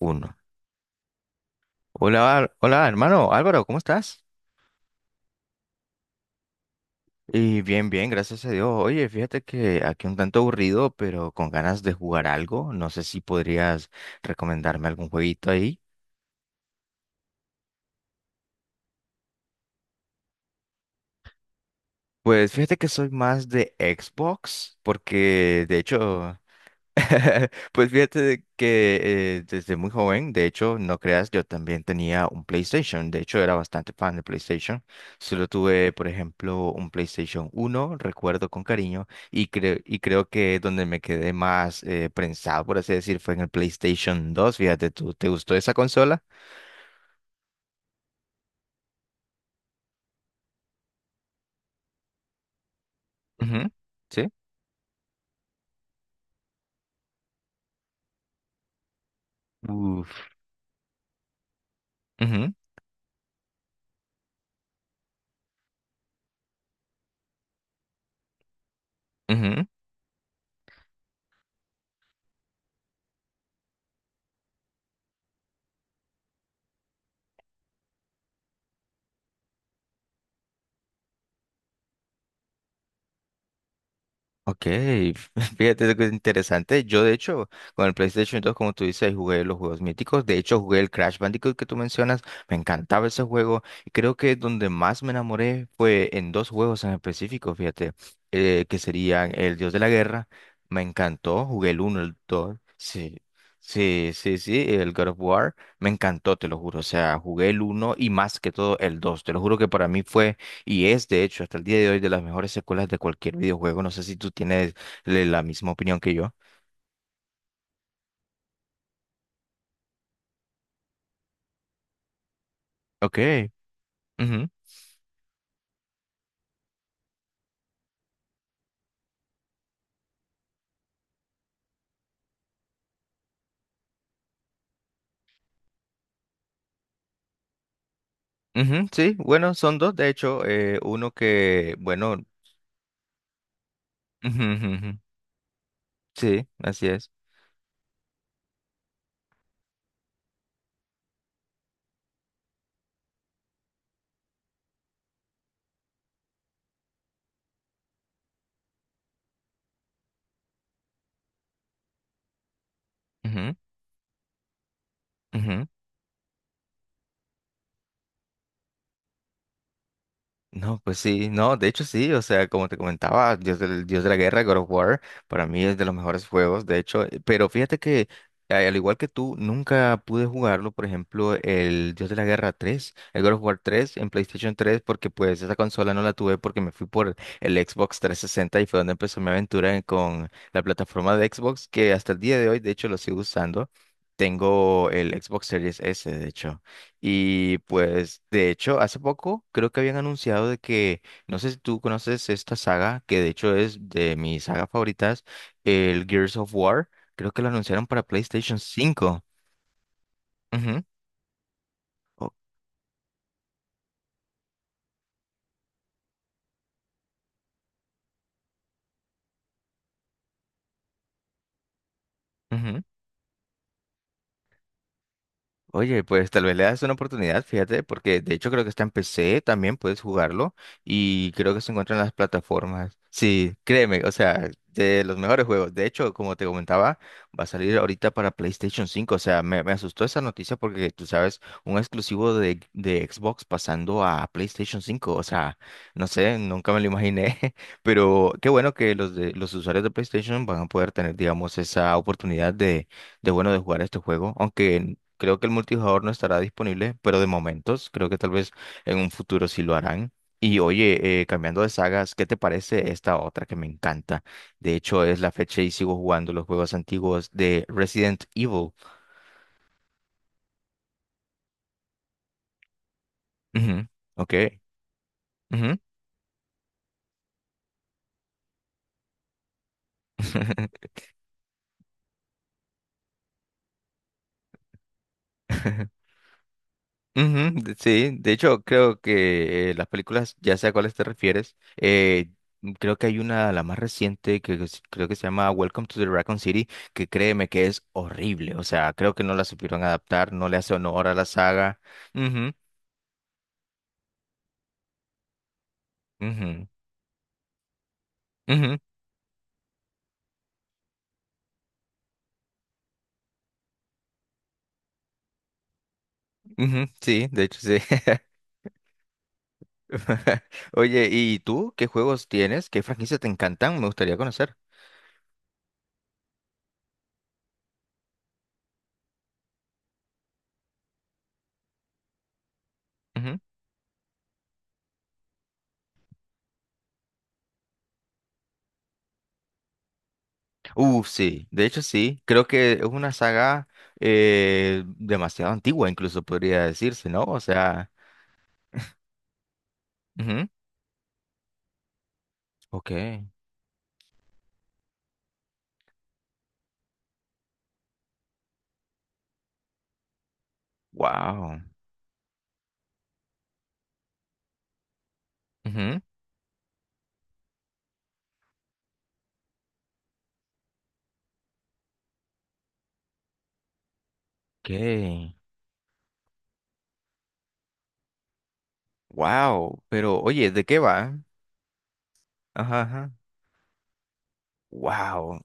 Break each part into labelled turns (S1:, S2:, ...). S1: Uno. Hola, hermano Álvaro, ¿cómo estás? Y bien, bien, gracias a Dios. Oye, fíjate que aquí un tanto aburrido, pero con ganas de jugar algo. No sé si podrías recomendarme algún jueguito ahí. Pues fíjate que soy más de Xbox, porque de hecho. Pues fíjate de que desde muy joven, de hecho, no creas, yo también tenía un PlayStation. De hecho, era bastante fan de PlayStation. Solo tuve, por ejemplo, un PlayStation uno, recuerdo con cariño, y, creo que donde me quedé más prensado, por así decir, fue en el PlayStation dos. Fíjate, ¿tú te gustó esa consola? Ujú, sí. Uf. Ujú, ujú. Ok, fíjate que es interesante. Yo, de hecho, con el PlayStation 2, como tú dices, jugué los juegos míticos. De hecho, jugué el Crash Bandicoot que tú mencionas. Me encantaba ese juego. Y creo que donde más me enamoré fue en dos juegos en específico, fíjate, que serían El Dios de la Guerra. Me encantó. Jugué el uno, el 2, sí, sí, sí, sí. El God of War. Me encantó, te lo juro. O sea, jugué el uno y más que todo el 2. Te lo juro que para mí fue y es, de hecho, hasta el día de hoy de las mejores secuelas de cualquier videojuego. No sé si tú tienes la misma opinión que yo. Ok. Ujú, ujú, sí, bueno, son dos, de hecho. Uno que, bueno, ujú, ujú, ujú, sí, así es. Ujú, ujú. No, pues sí, no, de hecho sí, o sea, como te comentaba, Dios del, Dios de la Guerra, God of War, para mí es de los mejores juegos, de hecho, pero fíjate que al igual que tú, nunca pude jugarlo, por ejemplo, el Dios de la Guerra tres, el God of War tres, en PlayStation tres, porque pues esa consola no la tuve porque me fui por el Xbox 360 y fue donde empezó mi aventura con la plataforma de Xbox, que hasta el día de hoy, de hecho, lo sigo usando. Tengo el Xbox Series S, de hecho. Y pues, de hecho, hace poco creo que habían anunciado de que, no sé si tú conoces esta saga, que de hecho es de mis sagas favoritas, el Gears of War, creo que lo anunciaron para PlayStation cinco. Ujú, o- ujú. Oye, pues tal vez le das una oportunidad, fíjate, porque de hecho creo que está en PC, también puedes jugarlo y creo que se encuentra en las plataformas. Sí, créeme, o sea, de los mejores juegos. De hecho, como te comentaba, va a salir ahorita para PlayStation 5, o sea, me asustó esa noticia porque tú sabes, un exclusivo de Xbox pasando a PlayStation 5, o sea, no sé, nunca me lo imaginé, pero qué bueno que los usuarios de PlayStation van a poder tener, digamos, esa oportunidad de bueno de jugar este juego, aunque creo que el multijugador no estará disponible, pero de momentos, creo que tal vez en un futuro sí lo harán. Y oye, cambiando de sagas, ¿qué te parece esta otra que me encanta? De hecho, es la fecha y sigo jugando los juegos antiguos de Resident Evil. Ujú, ok, ujú. Sí, de hecho creo que las películas, ya sé a cuáles te refieres, creo que hay una, la más reciente, creo que se llama Welcome to the Raccoon City, que créeme que es horrible, o sea, creo que no la supieron adaptar, no le hace honor a la saga. Ujú, ujú, ujú, ujú, sí, de hecho sí. Oye, ¿y tú qué juegos tienes? ¿Qué franquicias te encantan? Me gustaría conocer. Sí, de hecho sí, creo que es una saga demasiado antigua, incluso podría decirse, ¿no? O sea, ujú, ok, wow, ujú, ok, wow, pero oye, ¿de qué va? Ajá, ajá, wow,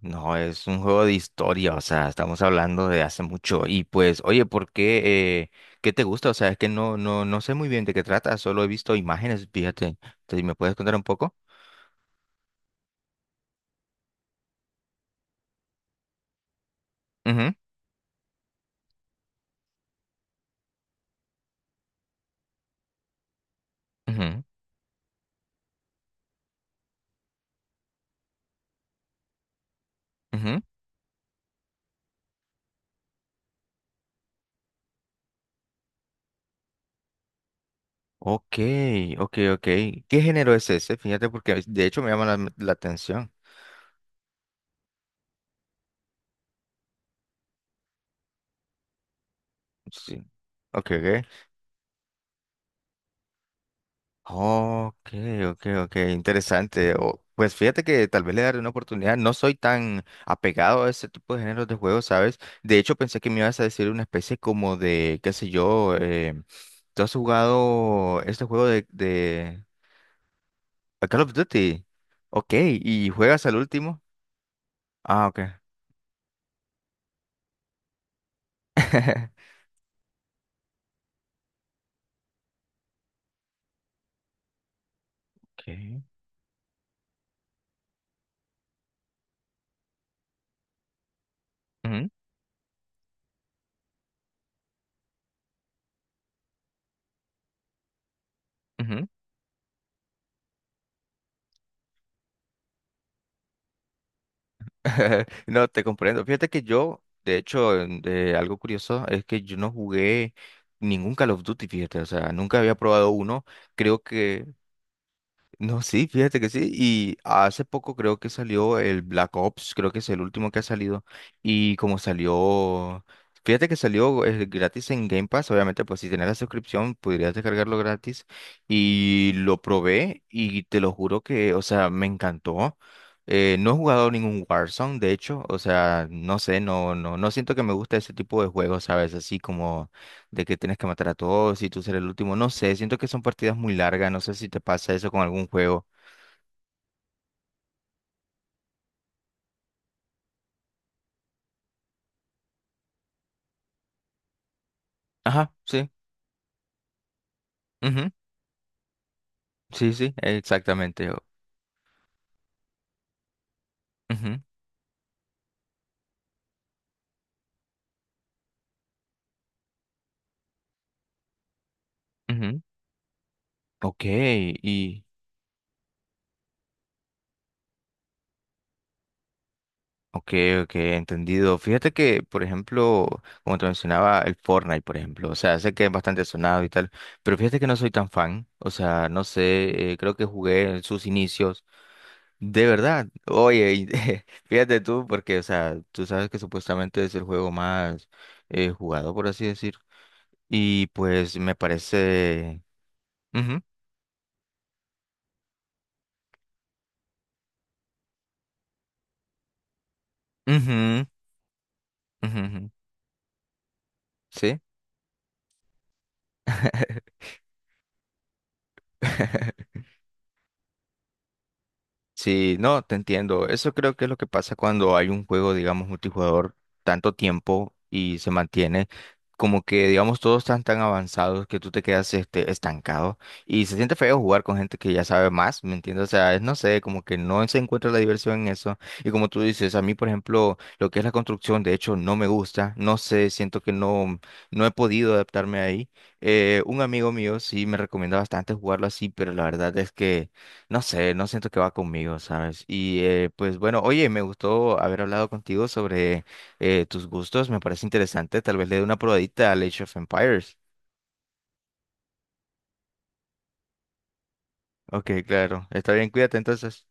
S1: no, es un juego de historia, o sea, estamos hablando de hace mucho y pues, oye, ¿por qué, eh, qué te gusta? O sea, es que no sé muy bien de qué trata, solo he visto imágenes, fíjate, entonces, ¿me puedes contar un poco? Ujú, ujú, ujú. Ok, ok, ok. ¿Qué género es ese? Fíjate porque de hecho me llama la atención. Sí. Ok, ok. Ok, ok, ok. Interesante. Pues fíjate que tal vez le daré una oportunidad. No soy tan apegado a ese tipo de géneros de juegos, ¿sabes? De hecho pensé que me ibas a decir una especie como de, qué sé yo, ¿tú has jugado este juego de a Call of Duty? Ok, ¿y juegas al último? Ah, ok. Ok. Ujú, ujú. No, te comprendo. Fíjate que yo, de hecho, de algo curioso es que yo no jugué ningún Call of Duty, fíjate, o sea, nunca había probado uno. Creo que no, sí, fíjate que sí. Y hace poco creo que salió el Black Ops, creo que es el último que ha salido. Y como salió, fíjate que salió gratis en Game Pass, obviamente, pues si tenés la suscripción podrías descargarlo gratis. Y lo probé y te lo juro que, o sea, me encantó. No he jugado ningún Warzone, de hecho, o sea, no sé, no siento que me gusta ese tipo de juegos, ¿sabes? Así como de que tienes que matar a todos y tú ser el último. No sé, siento que son partidas muy largas, no sé si te pasa eso con algún juego. Ajá, sí. Ujú, sí, sí, exactamente. Ujú, ujú. Ok, y... Ok, ok, entendido. Fíjate que, por ejemplo, como te mencionaba, el Fortnite, por ejemplo, o sea, sé que es bastante sonado y tal, pero fíjate que no soy tan fan, o sea, no sé, creo que jugué en sus inicios. De verdad, oye, y fíjate tú, porque, o sea, tú sabes que supuestamente es el juego más jugado, por así decir, y pues me parece... Ujú, ujú, ujú, ujú, ¿sí? Sí, no, te entiendo. Eso creo que es lo que pasa cuando hay un juego, digamos, multijugador tanto tiempo y se mantiene como que, digamos, todos están tan avanzados que tú te quedas este, estancado y se siente feo jugar con gente que ya sabe más, ¿me entiendes? O sea, es, no sé, como que no se encuentra la diversión en eso. Y como tú dices, a mí, por ejemplo, lo que es la construcción, de hecho, no me gusta, no sé, siento que no, no he podido adaptarme ahí. Un amigo mío sí me recomienda bastante jugarlo así, pero la verdad es que... No sé, no siento que va conmigo, ¿sabes? Y pues bueno, oye, me gustó haber hablado contigo sobre tus gustos, me parece interesante, tal vez le dé una probadita al Age of Empires. Ok, claro, está bien, cuídate entonces.